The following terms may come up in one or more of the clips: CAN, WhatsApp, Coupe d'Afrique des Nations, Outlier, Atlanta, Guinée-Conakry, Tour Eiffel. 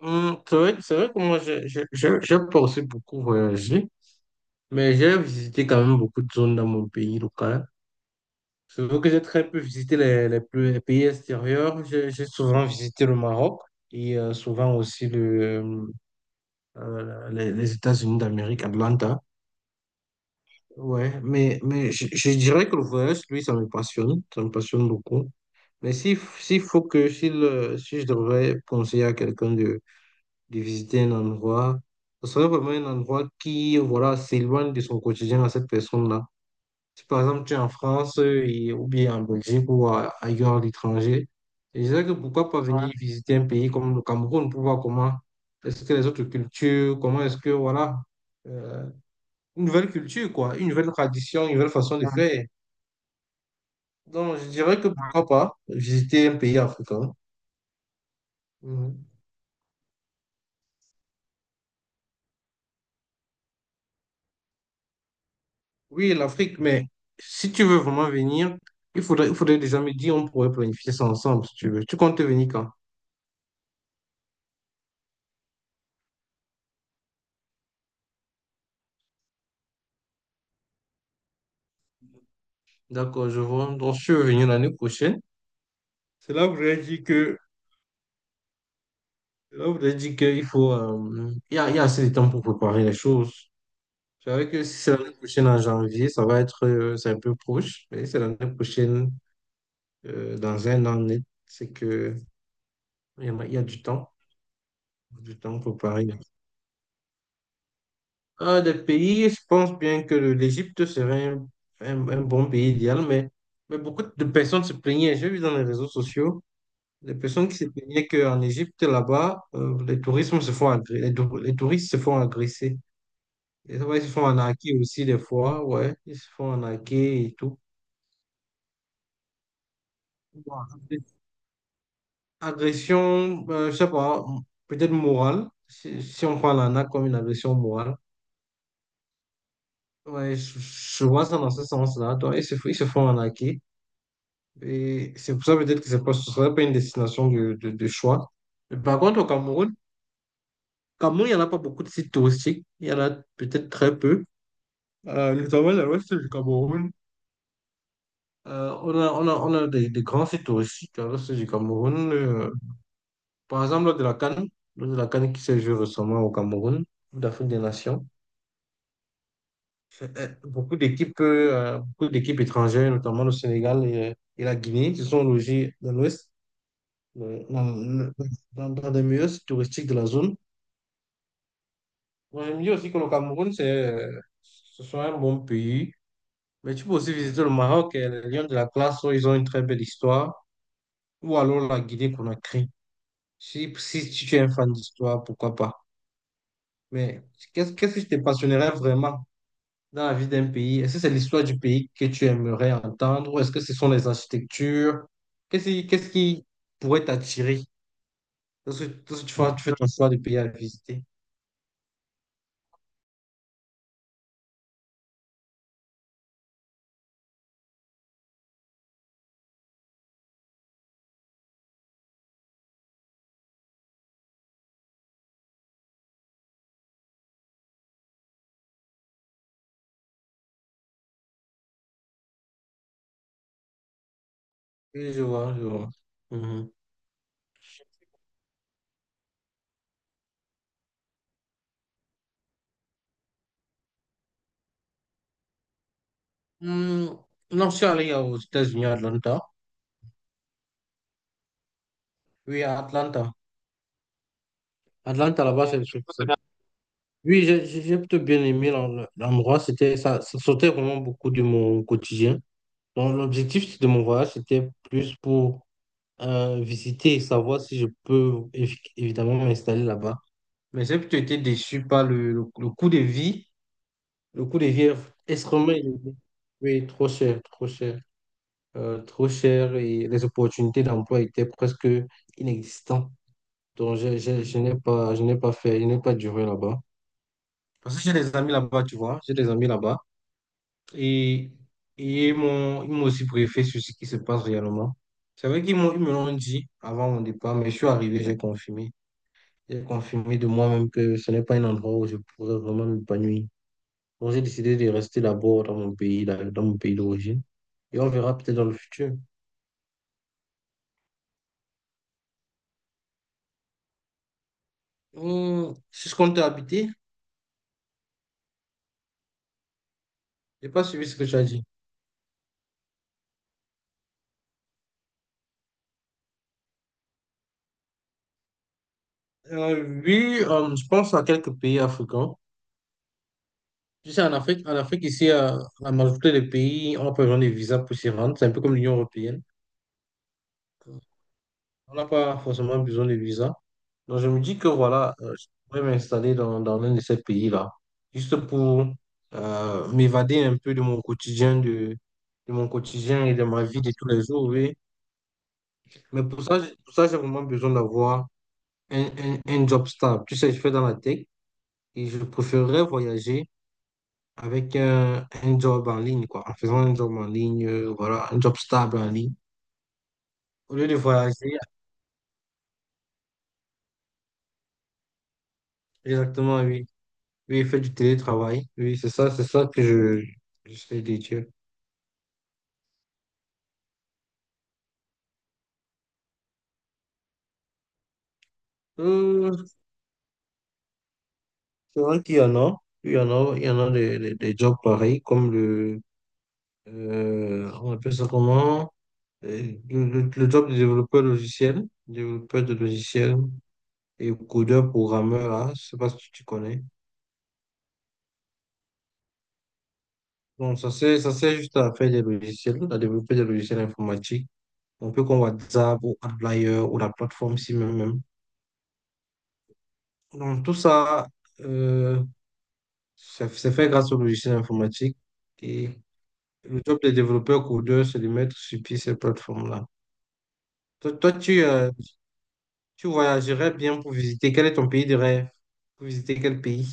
C'est vrai, c'est vrai que moi, j'ai pas aussi beaucoup voyagé, mais j'ai visité quand même beaucoup de zones dans mon pays local. C'est vrai que j'ai très peu visité les pays extérieurs. J'ai souvent visité le Maroc et souvent aussi les États-Unis d'Amérique, Atlanta. Ouais, mais je dirais que le voyage, lui, ça me passionne. Ça me passionne beaucoup. Mais s'il s'il faut que, s'il, si je devrais conseiller à quelqu'un de visiter un endroit, ce serait vraiment un endroit qui, voilà, s'éloigne de son quotidien à cette personne-là. Si par exemple tu es en France ou bien en Belgique ailleurs à l'étranger, je dirais que pourquoi pas, ouais, venir, ouais, visiter un pays comme le Cameroun pour voir comment est-ce que les autres cultures, comment est-ce que, voilà, euh, une nouvelle culture, quoi, une nouvelle tradition, une nouvelle façon de, ouais, faire. Donc, je dirais que, ouais, pourquoi pas visiter un pays africain. Mhm. Oui, l'Afrique, mais si tu veux vraiment venir, il faudrait déjà me dire, on pourrait planifier ça ensemble, si tu veux. Tu comptes venir quand? D'accord, je vois. Donc, si tu veux venir l'année prochaine, c'est là où je dit que, là où je dit qu'il faut, il y a assez de temps pour préparer les choses. Je savais que si c'est l'année prochaine en janvier, c'est un peu proche, mais si c'est l'année prochaine, dans un an net, il y a du temps, pour préparer. Un des pays, je pense bien que l'Égypte serait un, un bon pays idéal, mais beaucoup de personnes se plaignaient. J'ai vu dans les réseaux sociaux des personnes qui se plaignaient qu'en Égypte, là-bas, les touristes se font agresser. Et ça, va ils se font arnaquer aussi des fois, ouais, ils se font arnaquer et tout. Bon, agression, je sais pas, peut-être morale, si on prend l'arnaque comme une agression morale. Ouais, je vois ça dans ce sens-là. Donc, ils se font arnaquer. Et c'est pour ça peut-être que c'est pas, ce ne serait pas une destination de choix. Mais par contre, au Cameroun, il n'y en a pas beaucoup de sites touristiques. Il y en a peut-être très peu. Notamment dans l'ouest du Cameroun. On a des grands sites touristiques dans l'ouest du Cameroun. Par exemple, lors de la CAN, lors de la CAN qui s'est jouée récemment au Cameroun, Coupe d'Afrique des Nations. Beaucoup d'équipes étrangères, notamment le Sénégal et la Guinée, se sont logées dans l'ouest, euh, dans, dans des meilleurs sites touristiques de la zone. Bon, je me dis aussi que le Cameroun, ce sont un bon pays. Mais tu peux aussi visiter le Maroc et les Lions de la classe. Oh, ils ont une très belle histoire. Ou alors la Guinée-Conakry. Si tu es un fan d'histoire, pourquoi pas. Mais qu'est-ce qui te passionnerait vraiment dans la vie d'un pays? Est-ce que c'est l'histoire du pays que tu aimerais entendre? Ou est-ce que ce sont les architectures? Qu'est-ce qui pourrait t'attirer? Lorsque, lorsque tu fais ton choix de pays à visiter. Oui, je vois, je vois. Mhm. Hmm, Non, je suis allé aux États-Unis, à Atlanta. Oui, à Atlanta. Atlanta, là-bas, c'est le truc. Oui, j'ai plutôt bien aimé l'endroit. Ça sortait vraiment beaucoup de mon quotidien. Donc, l'objectif de mon voyage, c'était plus pour visiter et savoir si je peux évidemment m'installer là-bas. Mais j'ai plutôt été déçu par le coût de vie. Le coût de vie est extrêmement élevé. Oui, trop cher, trop cher. Trop cher et les opportunités d'emploi étaient presque inexistantes. Donc, je n'ai pas fait, je n'ai pas duré là-bas. Parce que j'ai des amis là-bas, tu vois. J'ai des amis là-bas. Et, et ils m'ont aussi briefé sur ce qui se passe réellement. C'est vrai qu'ils m'ont, ils me l'ont dit avant mon départ, mais je suis arrivé, j'ai confirmé. J'ai confirmé de moi-même que ce n'est pas un endroit où je pourrais vraiment m'épanouir. Donc, j'ai décidé de rester d'abord dans mon pays, là, dans mon pays d'origine. Et on verra peut-être dans le futur. C'est ce qu'on t'a habité. J'ai pas suivi ce que tu as dit. Oui, je pense à quelques pays africains. Tu sais, en Afrique ici, la majorité des pays ont pas besoin de visa pour s'y rendre. C'est un peu comme l'Union européenne. On n'a pas forcément besoin de visa. Donc, je me dis que voilà, je pourrais m'installer dans, l'un de ces pays-là, juste pour m'évader un peu de mon quotidien, de mon quotidien et de ma vie de tous les jours, oui. Mais pour ça, j'ai vraiment besoin d'avoir un job stable. Tu sais, je fais dans la tech et je préférerais voyager avec un job en ligne, quoi, en faisant un job en ligne, voilà, un job stable en ligne. Au lieu de voyager, exactement, oui. Oui, il fait du télétravail. Oui, c'est ça que j'essaie de dire. Euh, c'est vrai qu'il y en a. Il y en a des jobs pareils, on appelle ça comment? Le job de développeur logiciel, développeur de logiciel et codeur programmeur, là, je sais pas si tu connais. Donc, ça sert juste à faire des logiciels, à développer des logiciels informatiques. On peut comme WhatsApp ou Outlier ou la plateforme si même. Donc, tout ça, euh, c'est fait grâce au logiciel informatique. Et le job des développeurs codeurs, c'est de mettre sur pied ces plateformes-là. Toi, tu voyagerais bien pour visiter. Quel est ton pays de rêve? Pour visiter quel pays?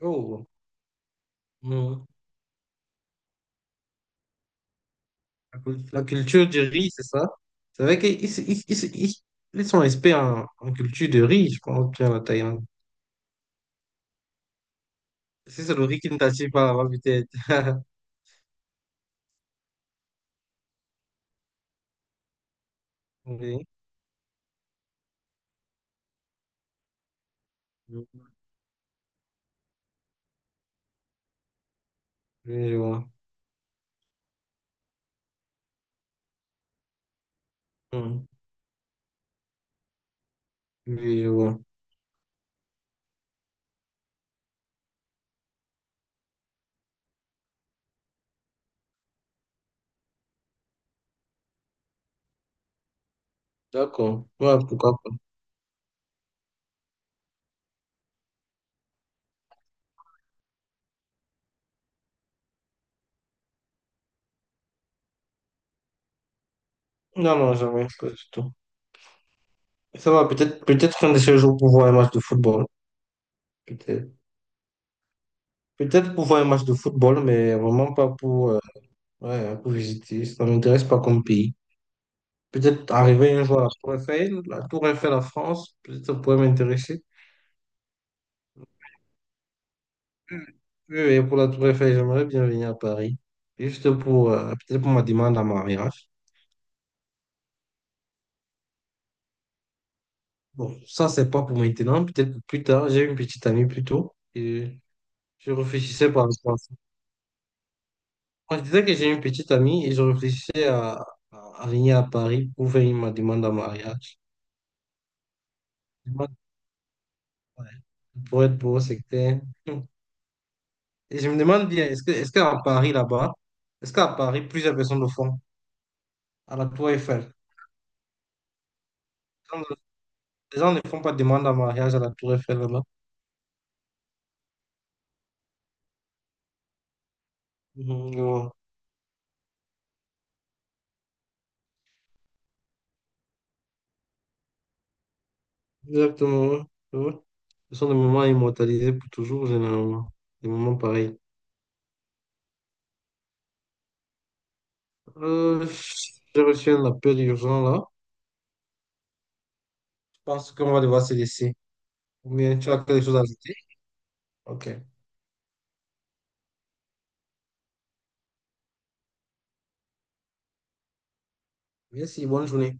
Oh, non. La culture du riz, c'est ça? C'est vrai qu'ils ils, ils- ils- ils sont experts en culture de riz, je pense, bien la Thaïlande. Si c'est le riz qui ne t'attire pas là-bas, peut-être. Oui, oui, je vois. Hmm. Oui, je vois. D'accord. Ouais, pourquoi pas. Non, non, jamais, pas du tout. Ça va, peut-être qu'un de ces jours pour voir un match de football. Peut-être. Peut-être pour voir un match de football, mais vraiment pas pour, ouais, hein, pour visiter. Ça ne m'intéresse pas comme pays. Peut-être arriver un jour à la Tour Eiffel à France, peut-être ça pourrait m'intéresser. Oui, oui, pour la Tour Eiffel, j'aimerais bien venir à Paris. Juste pour, peut-être pour ma demande en mariage. Bon, ça, c'est pas pour maintenant, peut-être pour plus tard. J'ai une petite amie plus tôt et je réfléchissais par rapport à ça. Moi, je disais que j'ai une petite amie et je réfléchissais à venir à Paris pour faire ma demande en mariage. Je me demande, ouais. Pour être beau, c'est clair. Et je me demande bien, est-ce qu'à Paris, plusieurs personnes le font à la Tour Eiffel? Les gens les gens ne font pas de demande en mariage à la Tour Eiffel, là-bas. Mhm, je vois. Exactement, ouais, je vois. Ce sont des moments immortalisés pour toujours, généralement. Des moments pareils. Euh, j'ai reçu un appel urgent, là. Je pense qu'on va devoir se laisser. Ou bien tu as quelque chose à ajouter? Ok. Merci, bonne journée.